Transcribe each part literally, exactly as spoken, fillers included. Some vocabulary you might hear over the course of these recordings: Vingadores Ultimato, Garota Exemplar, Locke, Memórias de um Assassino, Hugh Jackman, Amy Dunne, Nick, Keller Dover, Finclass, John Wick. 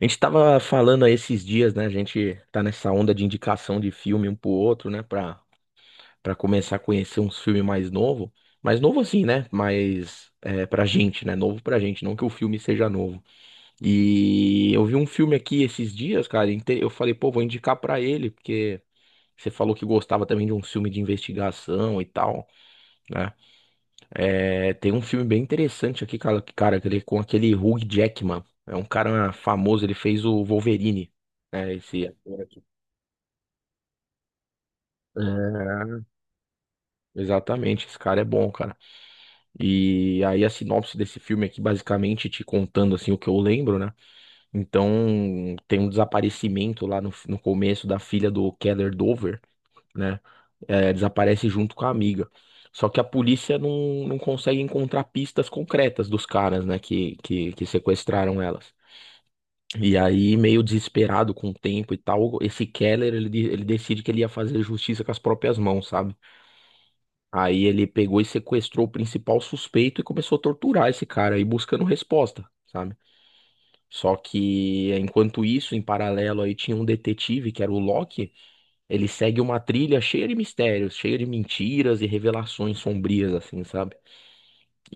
A gente tava falando aí esses dias, né? A gente tá nessa onda de indicação de filme um pro outro, né? Pra, pra começar a conhecer uns filmes mais novo. Mais novo assim, né? Mas é, pra gente, né? Novo pra gente, não que o filme seja novo. E eu vi um filme aqui esses dias, cara. inte- Eu falei, pô, vou indicar pra ele, porque você falou que gostava também de um filme de investigação e tal. Né? É, tem um filme bem interessante aqui, cara, que- cara, que ele- com aquele Hugh Jackman. É um cara famoso, ele fez o Wolverine, né? Esse ator aqui. É, exatamente, esse cara é bom, cara. E aí a sinopse desse filme aqui, basicamente, te contando assim o que eu lembro, né? Então, tem um desaparecimento lá no, no começo da filha do Keller Dover, né? É, desaparece junto com a amiga. Só que a polícia não, não consegue encontrar pistas concretas dos caras, né, que, que, que sequestraram elas. E aí, meio desesperado com o tempo e tal, esse Keller, ele, de- ele decide que ele ia fazer justiça com as próprias mãos, sabe? Aí ele pegou e sequestrou o principal suspeito e começou a torturar esse cara aí, buscando resposta, sabe? Só que, enquanto isso, em paralelo aí tinha um detetive, que era o Locke, ele segue uma trilha cheia de mistérios, cheia de mentiras e revelações sombrias, assim, sabe?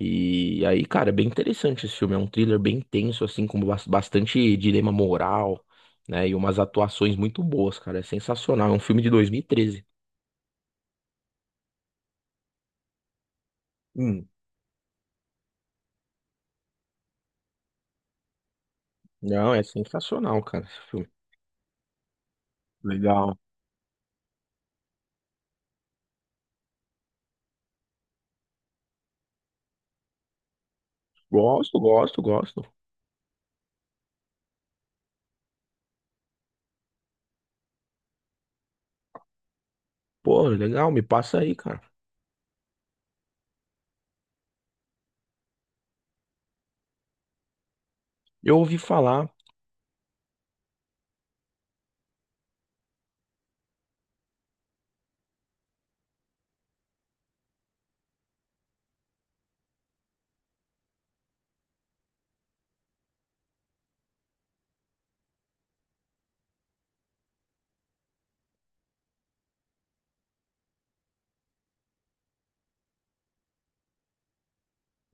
E aí, cara, é bem interessante esse filme. É um thriller bem tenso, assim, com bas- bastante dilema moral, né? E umas atuações muito boas, cara. É sensacional. É um filme de dois mil e treze. Hum, Não, é sensacional, cara, esse filme. Legal. Gosto, gosto, gosto. Pô, legal, me passa aí, cara. Eu ouvi falar.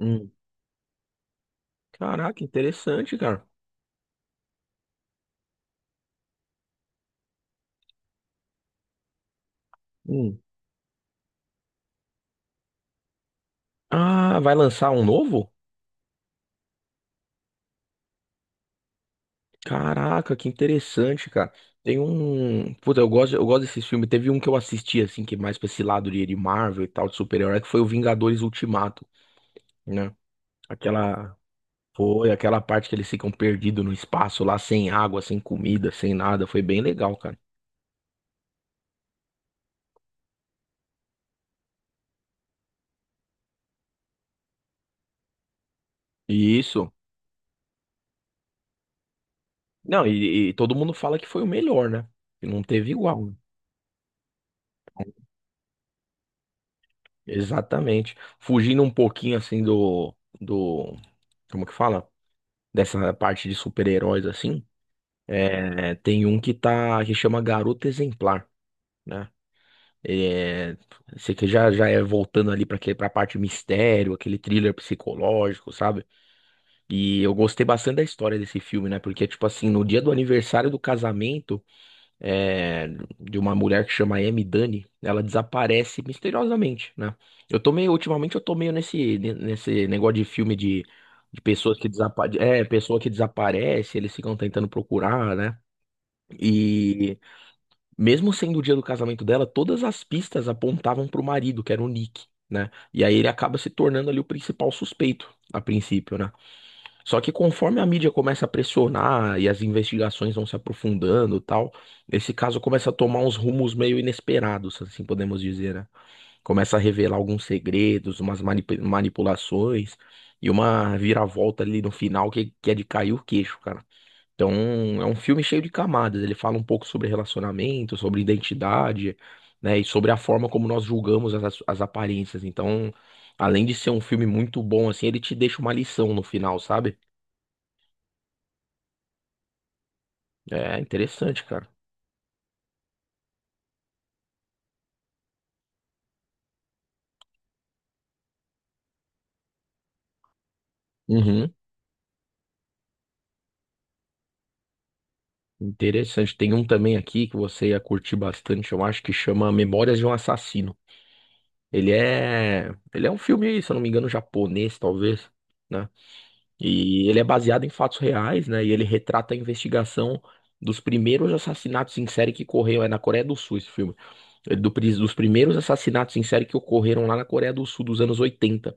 Hum, Caraca, interessante, cara. Hum. Ah, vai lançar um novo? Caraca, que interessante, cara. Tem um. Puta, eu gosto, eu gosto desses filmes. Teve um que eu assisti, assim, que é mais pra esse lado de, de Marvel e tal, de super-herói, que foi o Vingadores Ultimato, né? Aquela. Foi aquela parte que eles ficam perdidos no espaço lá, sem água, sem comida, sem nada. Foi bem legal, cara. E isso. Não, e, e todo mundo fala que foi o melhor, né? Que não teve igual. Exatamente. Fugindo um pouquinho, assim, do. Do. Como que fala? Dessa parte de super-heróis, assim. É, tem um que tá que chama Garota Exemplar, né? É, esse aqui já já é voltando ali para para a parte mistério, aquele thriller psicológico, sabe? E eu gostei bastante da história desse filme, né? Porque tipo assim, no dia do aniversário do casamento é, de uma mulher que chama Amy Dunne, ela desaparece misteriosamente, né? Eu tô meio, ultimamente eu tô meio nesse nesse negócio de filme de de pessoas que desaparecem, é, pessoa que desaparece, eles ficam tentando procurar, né? E Mesmo sendo o dia do casamento dela, todas as pistas apontavam pro marido, que era o Nick, né? E aí ele acaba se tornando ali o principal suspeito, a princípio, né? Só que conforme a mídia começa a pressionar e as investigações vão se aprofundando e tal, esse caso começa a tomar uns rumos meio inesperados, assim podemos dizer, né? Começa a revelar alguns segredos, umas manipu- manipulações e uma viravolta ali no final que, que é de cair o queixo, cara. Então, é um filme cheio de camadas. Ele fala um pouco sobre relacionamento, sobre identidade, né? E sobre a forma como nós julgamos as, as aparências. Então, além de ser um filme muito bom, assim, ele te deixa uma lição no final, sabe? É interessante, cara. Uhum. Interessante. Tem um também aqui que você ia curtir bastante, eu acho, que chama Memórias de um Assassino. Ele é, ele é um filme, se eu não me engano, japonês, talvez, né? E ele é baseado em fatos reais, né? E ele retrata a investigação dos primeiros assassinatos em série que ocorreram. É na Coreia do Sul esse filme. É do pri- dos primeiros assassinatos em série que ocorreram lá na Coreia do Sul dos anos oitenta.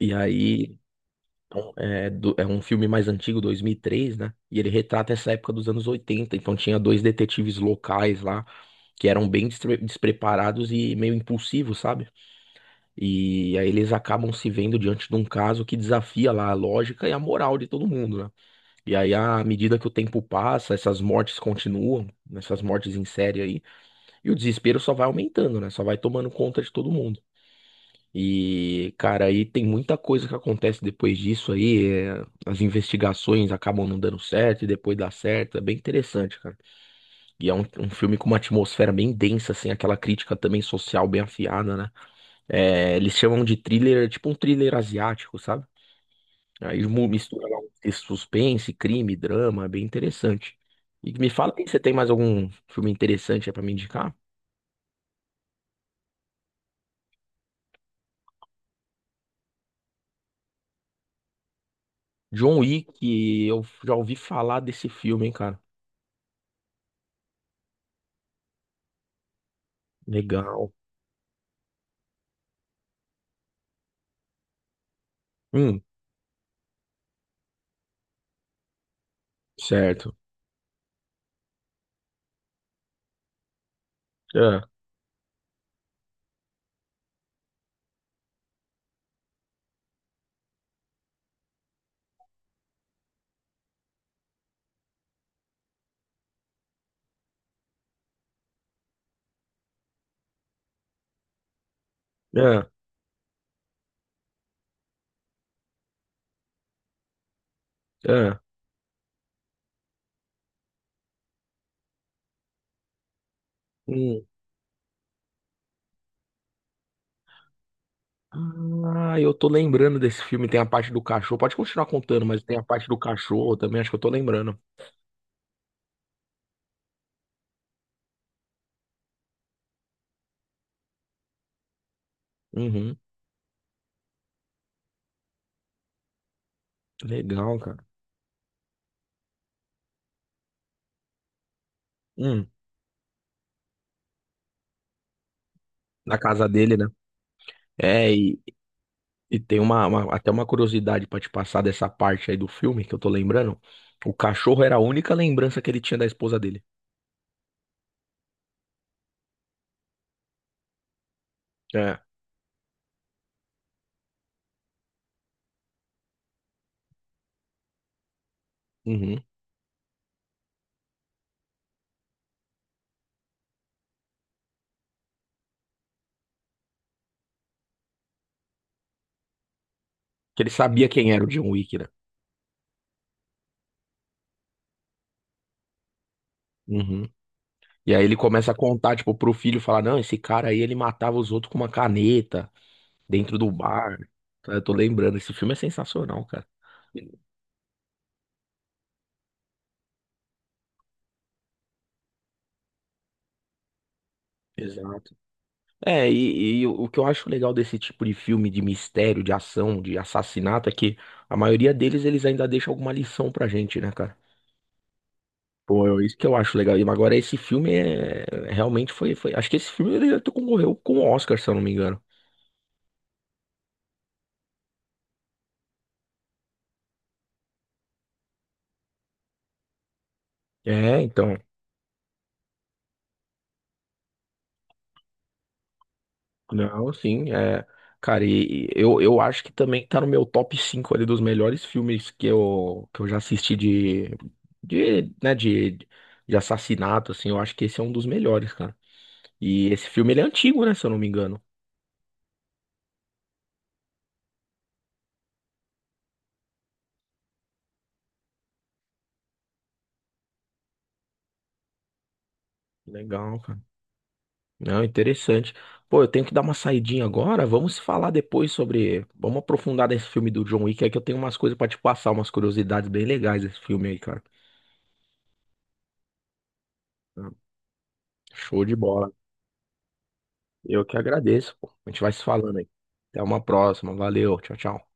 E aí. Então, é, do- é um filme mais antigo, dois mil e três, né? E ele retrata essa época dos anos oitenta. Então tinha dois detetives locais lá que eram bem destre- despreparados e meio impulsivos, sabe? E aí eles acabam se vendo diante de um caso que desafia lá a lógica e a moral de todo mundo, né? E aí, à medida que o tempo passa, essas mortes continuam, essas mortes em série aí, e o desespero só vai aumentando, né? Só vai tomando conta de todo mundo. E, cara, aí tem muita coisa que acontece depois disso aí. É, as investigações acabam não dando certo e depois dá certo. É bem interessante, cara. E é um, um filme com uma atmosfera bem densa, assim, aquela crítica também social bem afiada, né? É, eles chamam de thriller, tipo um thriller asiático, sabe? Aí mu- mistura lá um texto suspense, crime, drama, é bem interessante. E me fala aí, você tem mais algum filme interessante aí pra me indicar? John Wick, eu já ouvi falar desse filme, hein, cara. Legal. Hum, certo. É, é, é. Hum. Ah, eu tô lembrando desse filme, tem a parte do cachorro. Pode continuar contando, mas tem a parte do cachorro também, acho que eu tô lembrando. Uhum. Legal, cara. Hum, na casa dele, né? É, e tem uma, uma- até uma curiosidade pra te passar dessa parte aí do filme que eu tô lembrando. O cachorro era a única lembrança que ele tinha da esposa dele. É. Uhum. Que ele sabia quem era o John Wick, né? Uhum. E aí ele começa a contar, tipo, pro filho, falar, não, esse cara aí, ele matava os outros com uma caneta dentro do bar. Tá, eu tô lembrando, esse filme é sensacional, cara. Exato. É, e, e o o que eu acho legal desse tipo de filme de mistério, de ação, de assassinato, é que a maioria deles, eles ainda deixam alguma lição pra gente, né, cara? Pô, é isso que eu acho legal. E agora esse filme é realmente foi, foi. Acho que esse filme ele até concorreu com o Oscar, se eu não me engano. É, então. Não, sim, é. Cara, e e eu, eu acho que também tá no meu top cinco ali dos melhores filmes que eu, que eu já assisti de, de, né, de, de assassinato, assim. Eu acho que esse é um dos melhores, cara. E esse filme ele é antigo, né, se eu não me engano. Legal, cara. Não, interessante. Pô, eu tenho que dar uma saidinha agora. Vamos se falar depois sobre. Vamos aprofundar nesse filme do John Wick, é que eu tenho umas coisas pra te passar, umas curiosidades bem legais desse filme aí, cara. Tá. Show de bola. Eu que agradeço, pô. A gente vai se falando aí. Até uma próxima. Valeu. Tchau, tchau.